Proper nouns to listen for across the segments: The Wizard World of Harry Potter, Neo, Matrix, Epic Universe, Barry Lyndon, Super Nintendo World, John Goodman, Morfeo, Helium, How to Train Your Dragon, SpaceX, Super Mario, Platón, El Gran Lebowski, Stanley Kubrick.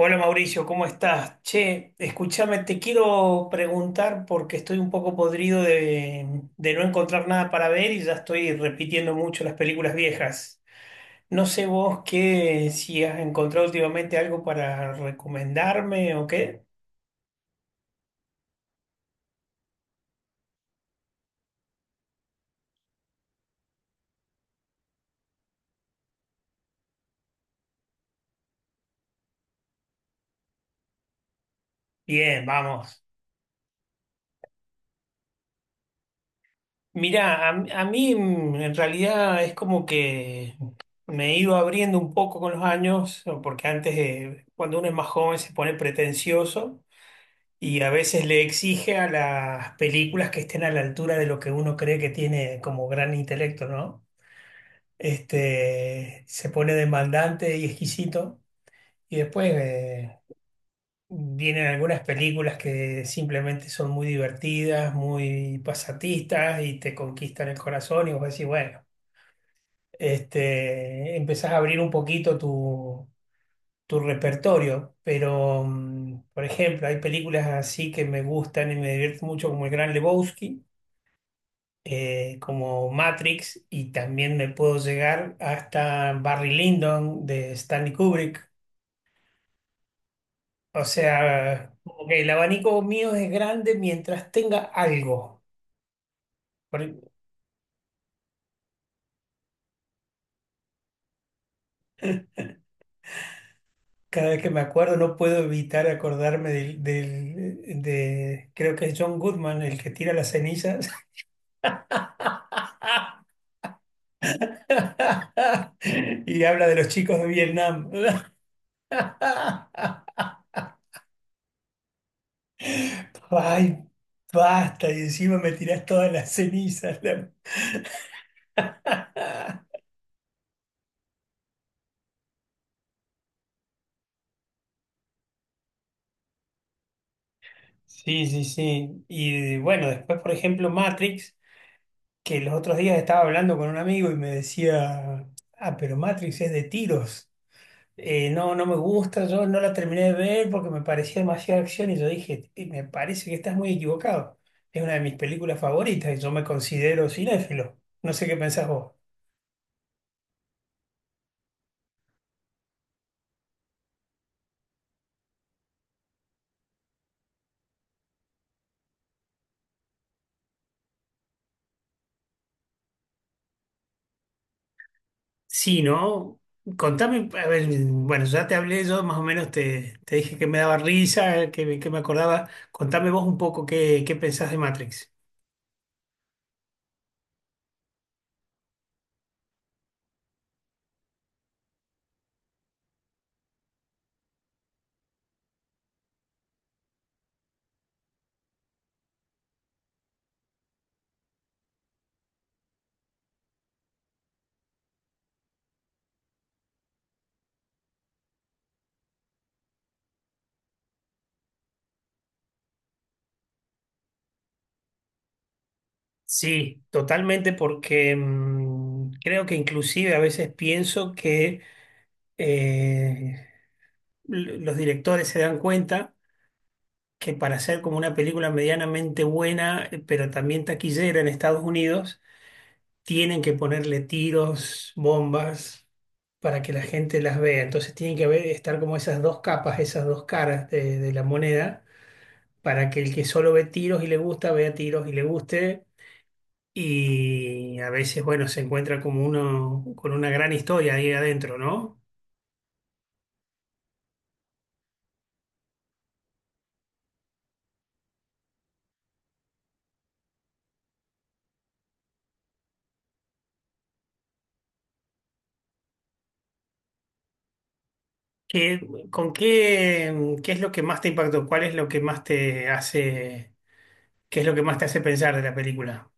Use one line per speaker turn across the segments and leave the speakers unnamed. Hola Mauricio, ¿cómo estás? Che, escúchame, te quiero preguntar porque estoy un poco podrido de no encontrar nada para ver y ya estoy repitiendo mucho las películas viejas. No sé vos qué, si has encontrado últimamente algo para recomendarme o qué. Bien, vamos. Mirá, a mí en realidad es como que me he ido abriendo un poco con los años, porque antes, cuando uno es más joven, se pone pretencioso. Y a veces le exige a las películas que estén a la altura de lo que uno cree que tiene como gran intelecto, ¿no? Este, se pone demandante y exquisito y después vienen algunas películas que simplemente son muy divertidas, muy pasatistas y te conquistan el corazón y vos decís, bueno, este, empezás a abrir un poquito tu repertorio, pero por ejemplo, hay películas así que me gustan y me divierten mucho como El Gran Lebowski, como Matrix, y también me puedo llegar hasta Barry Lyndon de Stanley Kubrick. O sea, como que el abanico mío es grande mientras tenga algo. Por- Cada vez que me acuerdo no puedo evitar acordarme de creo que es John Goodman el que tira las cenizas y habla de los chicos de Vietnam. Ay, basta, y encima me tirás todas las cenizas. Sí, sí, sí. Y bueno, después, por ejemplo, Matrix, que los otros días estaba hablando con un amigo y me decía, ah, pero Matrix es de tiros. No, no me gusta, yo no la terminé de ver porque me parecía demasiada acción y yo dije, me parece que estás muy equivocado. Es una de mis películas favoritas y yo me considero cinéfilo. No sé qué pensás vos. Sí, ¿no? Contame, a ver, bueno, ya te hablé yo, más o menos te dije que me daba risa, me que me acordaba. Contame vos un poco qué, qué pensás de Matrix. Sí, totalmente, porque creo que inclusive a veces pienso que eh, los directores se dan cuenta que para hacer como una película medianamente buena, pero también taquillera en Estados Unidos, tienen que ponerle tiros, bombas, para que la gente las vea. Entonces tienen que haber, estar como esas dos capas, esas dos caras de la moneda, para que el que solo ve tiros y le gusta, vea tiros y le guste. Y a veces, bueno, se encuentra como uno con una gran historia ahí adentro, ¿no? ¿Qué- ¿Con qué, qué es lo que más te impactó? ¿Cuál es lo que más te hace, qué es lo que más te hace pensar de la película?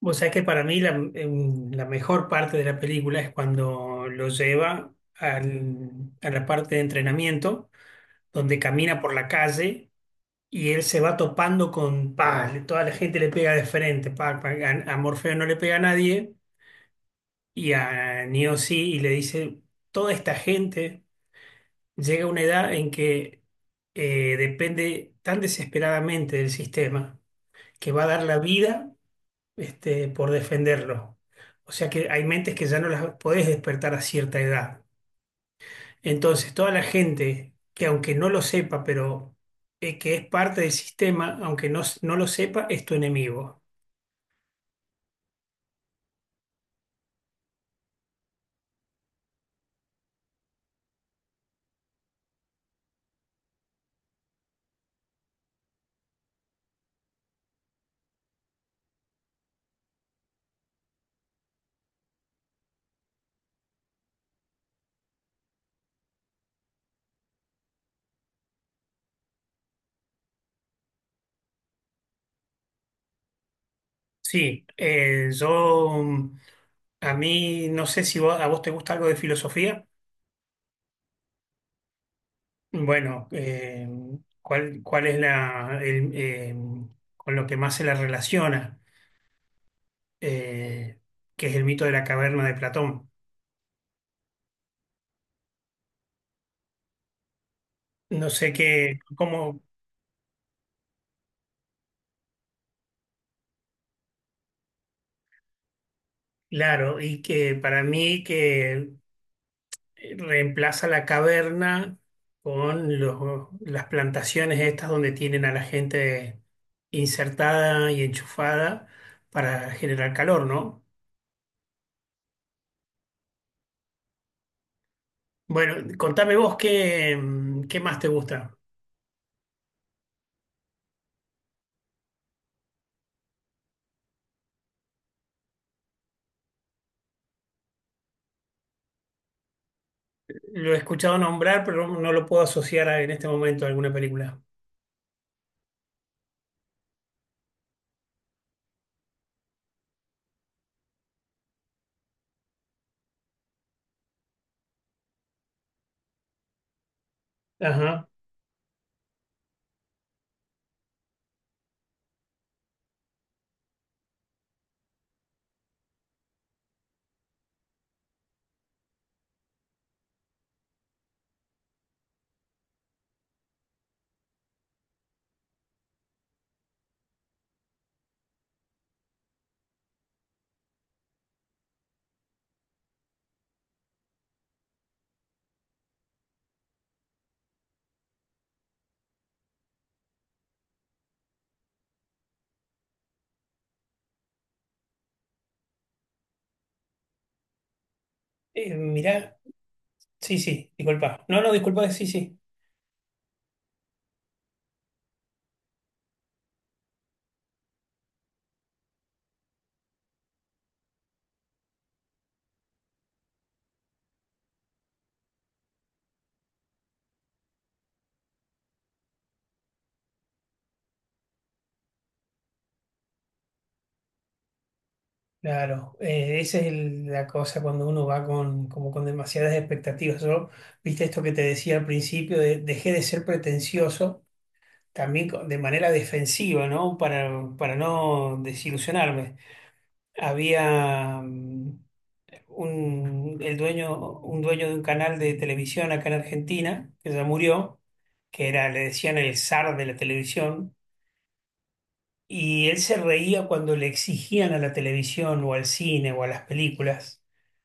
Vos sabés que para mí la mejor parte de la película es cuando lo lleva a la parte de entrenamiento, donde camina por la calle y él se va topando con, pa, toda la gente le pega de frente, pa, pa, a Morfeo no le pega a nadie y a Neo sí, y le dice, toda esta gente llega a una edad en que depende tan desesperadamente del sistema que va a dar la vida este, por defenderlo. O sea que hay mentes que ya no las podés despertar a cierta edad. Entonces, toda la gente que aunque no lo sepa, pero que es parte del sistema, aunque no lo sepa, es tu enemigo. Sí, yo a mí no sé si a vos te gusta algo de filosofía. Bueno, ¿cuál es con lo que más se la relaciona? Eh, que es el mito de la caverna de Platón. No sé qué, cómo, claro, y que para mí que reemplaza la caverna con las plantaciones estas donde tienen a la gente insertada y enchufada para generar calor, ¿no? Bueno, contame vos qué, qué más te gusta. Lo he escuchado nombrar, pero no lo puedo asociar en este momento a alguna película. Ajá. Mirá, sí, sí, disculpa. No, no, disculpa, sí, sí. Claro, esa es la cosa cuando uno va con, como con demasiadas expectativas. Yo, viste esto que te decía al principio, dejé de ser pretencioso, también de manera defensiva, ¿no? Para no desilusionarme. Había el dueño, un dueño de un canal de televisión acá en Argentina, que ya murió, que era, le decían el zar de la televisión y él se reía cuando le exigían a la televisión o al cine o a las películas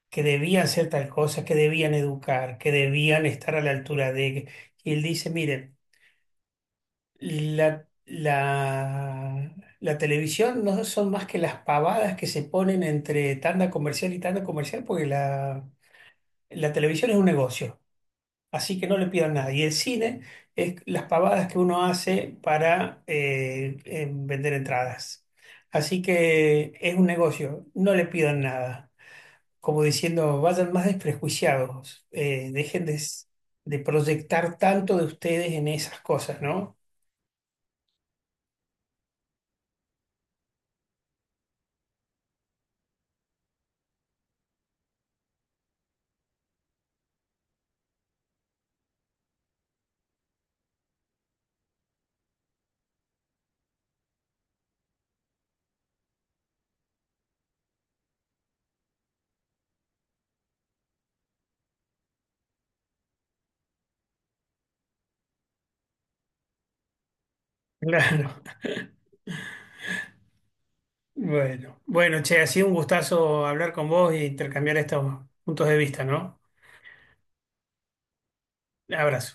que debían hacer tal cosa, que debían educar, que debían estar a la altura de... Y él dice, miren, la, la, la televisión no son más que las pavadas que se ponen entre tanda comercial y tanda comercial porque la televisión es un negocio. Así que no le pidan nada. Y el cine es las pavadas que uno hace para vender entradas. Así que es un negocio, no le pidan nada. Como diciendo, vayan más desprejuiciados, dejen de proyectar tanto de ustedes en esas cosas, ¿no? Claro. Bueno, bueno, che, ha sido un gustazo hablar con vos y intercambiar estos puntos de vista, ¿no? Abrazo.